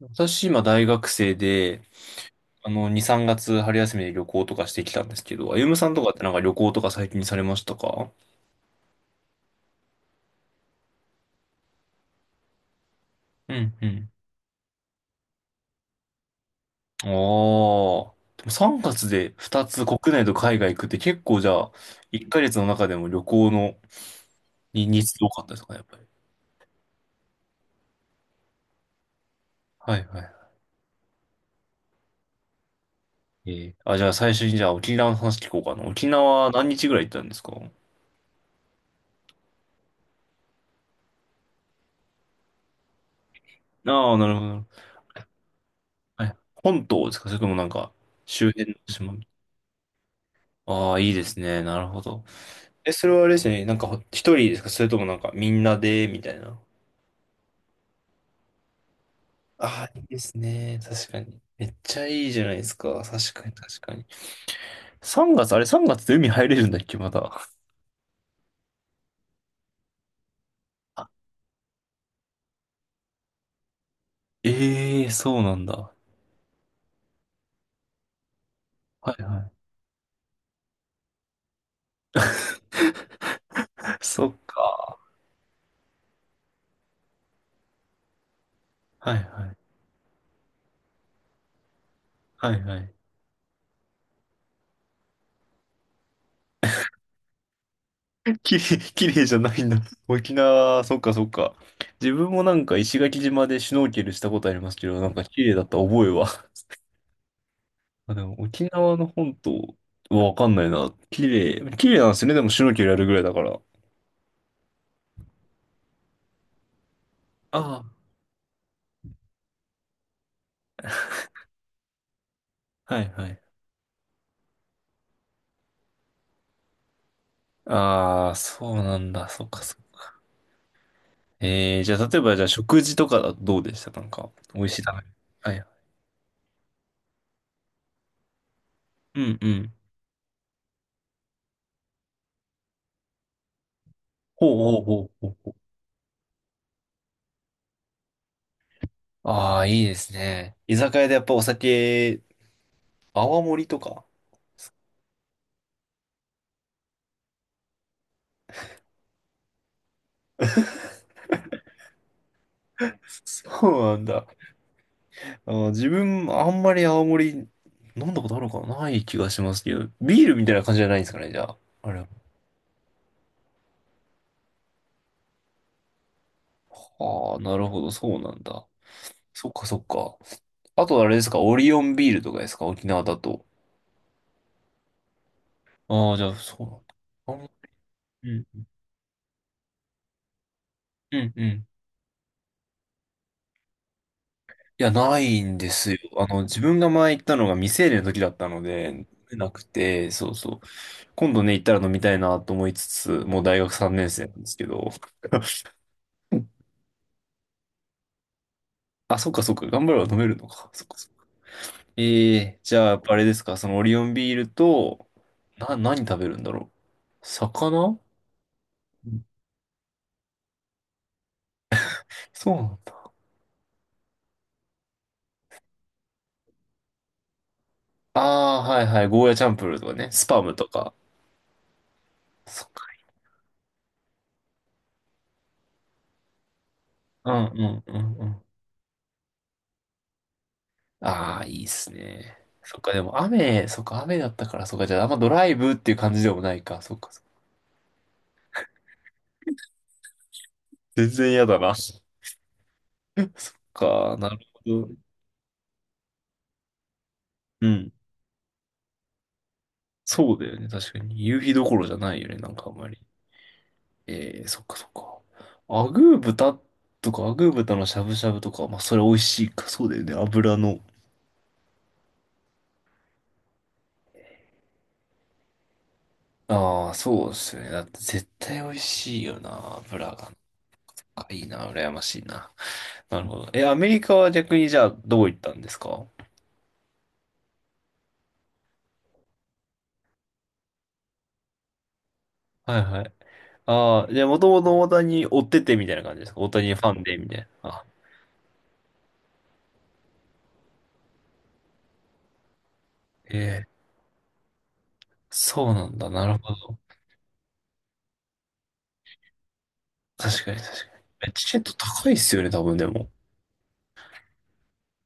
私、今、大学生で、2、3月春休みで旅行とかしてきたんですけど、あゆむさんとかってなんか旅行とか最近されましたか？うんうん。ああ。でも3月で2つ国内と海外行くって結構じゃあ、1ヶ月の中でも旅行のに日数多かったですかね、やっぱり。はいはい。じゃあ最初にじゃあ沖縄の話聞こうかな。沖縄何日ぐらい行ったんですか？ああ、なるほど。はい。本島ですかそれともなんか、周辺の島？ああ、いいですね。なるほど。え、それはあれですね。なんかほ、一人ですかそれともなんか、みんなで、みたいな。ああ、いいですね。確かに。めっちゃいいじゃないですか。確かに、確かに。3月、あれ3月で海入れるんだっけ、まだ。あ、ええーそうなんだ。はいはい。そっか。はいはい。はいはい。きれい、きれいじゃないんだ。沖縄、そっかそっか。自分もなんか石垣島でシュノーケルしたことありますけど、なんか綺麗だった覚えは。まあ、でも沖縄の本島はわかんないな。綺麗。綺麗なんですよね。でもシュノーケルやるぐらいだから。ああ、はいはい。ああ、そうなんだ。そっかそっか。じゃあ例えばじゃあ食事とかだとどうでしたなんか、美味しい食はべ。い。はいはい。うんうん。ほうほうほうほう。ああ、いいですね。居酒屋でやっぱお酒、泡盛とか。そうなんだ。自分、あんまり泡盛飲んだことあるのかなない気がしますけど、ビールみたいな感じじゃないんですかね、じゃあ。あれああ、なるほど、そうなんだ。そっかそっか。あとあれですか、オリオンビールとかですか、沖縄だと。ああ、じゃあ、そうなんだ。あうん、うん、うん。いや、ないんですよ。自分が前行ったのが未成年の時だったので、なくて、そうそう。今度ね、行ったら飲みたいなと思いつつ、もう大学3年生なんですけど。あ、そっかそっか、頑張れば飲めるのか。そっかそっか。ええーじゃあ、やっぱあれですか、そのオリオンビールと、何食べるんだろう。魚そうなんだ。ああ、はいはい。ゴーヤチャンプルーとかね。スパムとか。そっか。うんうんうんうん。ああ、いいっすね。そっか、でも雨、そっか、雨だったから、そっか、じゃああんまドライブっていう感じでもないか。そっか、そっか全然嫌だな。そっか、なるほど。うん。そうだよね。確かに。夕日どころじゃないよね。なんかあんまり。ええそっかそっか。アグー豚とか、アグー豚のしゃぶしゃぶとか、まあ、それ美味しいか。そうだよね。油の。ああ、そうですよね。だって絶対美味しいよな、ブラが。あ、いいな、羨ましいな。なるほど。え、アメリカは逆にじゃあどこ行ったんですか？はいはい。ああ、じゃあもともと大谷追っててみたいな感じですか？大谷ファンでみたいな。あ、ええ、そうなんだ。なるほど。確かに確かに。え、チケット高いっすよね、多分でも。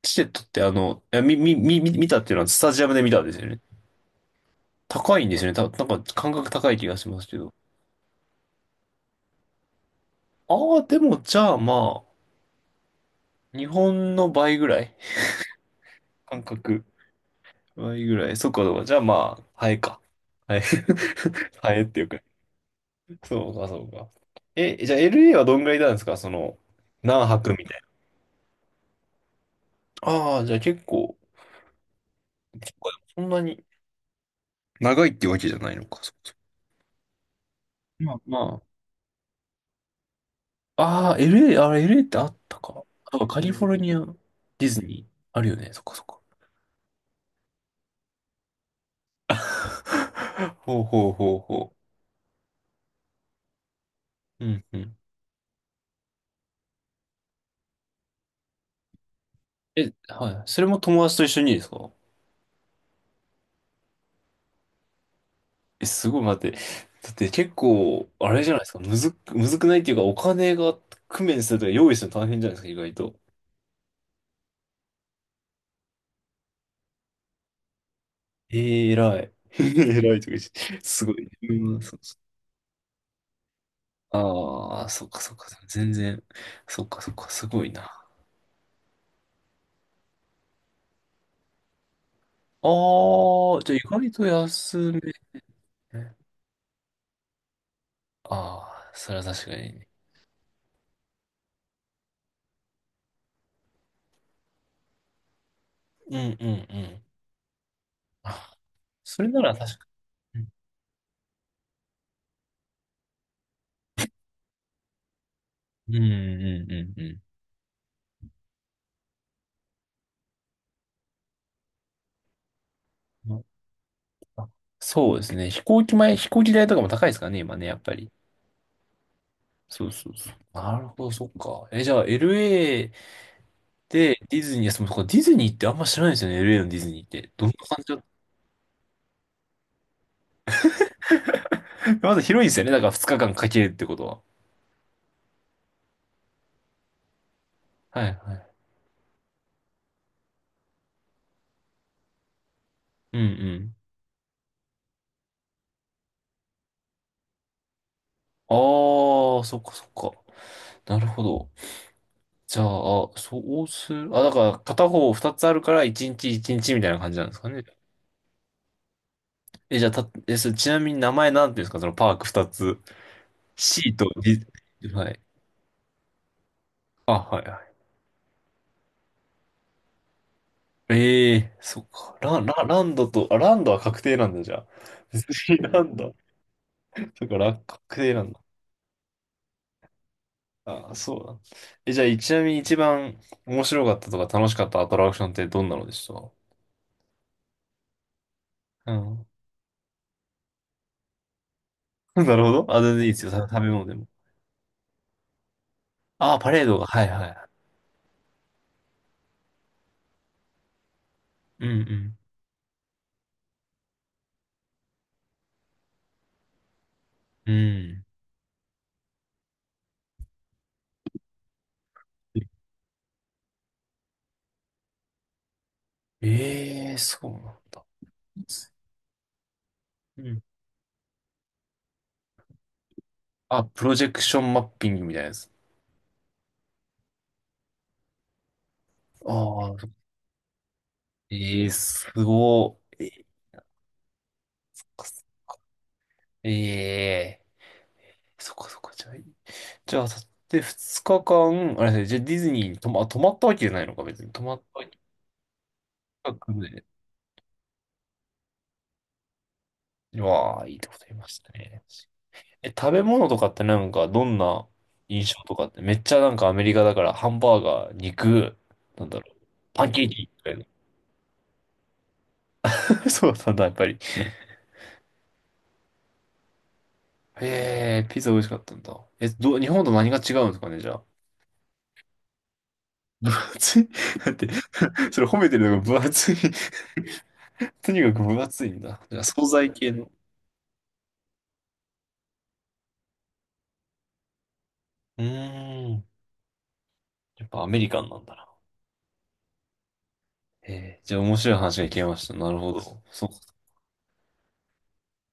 チケットっていや、み、み、み、み見たっていうのはスタジアムで見たんですよね。高いんですよね。なんか感覚高い気がしますけど。ああ、でもじゃあまあ、日本の倍ぐらい。感覚。倍ぐらい。そっか、そっか。じゃあまあ、ハエか。ハエ。ハエっていうか。そうか、そうか。え、じゃあ LA はどんぐらいいたんですか？その、何泊みたいな。ああ、じゃあ結構、結構そんなに長いっていうわけじゃないのか。そうそう。まあまあ。ああ、LA、あれ LA ってあったか。あとカリフォルニア、ディズニー、あるよね。そっかそっか。ほうほうほうほう。うんうん。え、はい。それも友達と一緒にですか？え、すごい待って。だって結構、あれじゃないですか。むずくないっていうか、お金が工面するとか用意するの大変じゃないですか、意外と。偉い。偉いとか言ってすごいね。うん、そうそう。ああ、そっかそっか。全然。そっかそっか。すごいな。ああ、じゃあ意外と安め。ああ、それは確かに。うんうんうん。あ、それなら確かに。うんうんうんうん。うんあそうですね。飛行機代とかも高いですからね、今ね、やっぱり。そうそうそう。なるほど、そっか。え、じゃあ LA でディズニー、いや、そのディズニーってあんま知らないですよね、LA のディズニーって。どんな感じだ？ まず広いんですよね、だから2日間かんかけるってことは。はいはい。うんうん。ああ、そっかそっか。なるほど。じゃあ、そうする。あ、だから片方2つあるから1日1日みたいな感じなんですかね。え、じゃあ、それちなみに名前なんていうんですか、そのパーク2つ。シーとディズ、はい。あ、はいはい。ええそっか。ラランドと、あ、ランドは確定なんだ、じゃあ。別に ランド。そっか、確定なんだ。あ、そうだ。え、じゃあ、ちなみに一番面白かったとか楽しかったアトラクションってどんなのでした？うん。なるほど。あ、全然いいですよ。食べ物でも。あ、パレードが。はいはいはい。うんうん。うん。ええそうなんだ。うん。あ、プロジェクションマッピングみたいなやつ。ああ、ええすごい。ええええそっかそっか。じゃあ、じゃあ、さでっ2日間、あれですね、じゃあディズニーに泊まったわけじゃないのか、別に。泊まった近くで。うわあ、いいとこ言いましたね。え、食べ物とかってなんか、どんな印象とかって、めっちゃなんかアメリカだから、ハンバーガー、肉、なんだろう、パンケーキみたいな。そうなんだ、やっぱり。へえ、ピザ美味しかったんだ。え、日本と何が違うんですかね、じゃあ。分厚いだ って、それ褒めてるのが分厚い。とにかく分厚いんだ。じゃあ、惣菜系の。うーん。やっぱアメリカンなんだな。ええ、じゃあ面白い話が聞けました。なるほど。そう。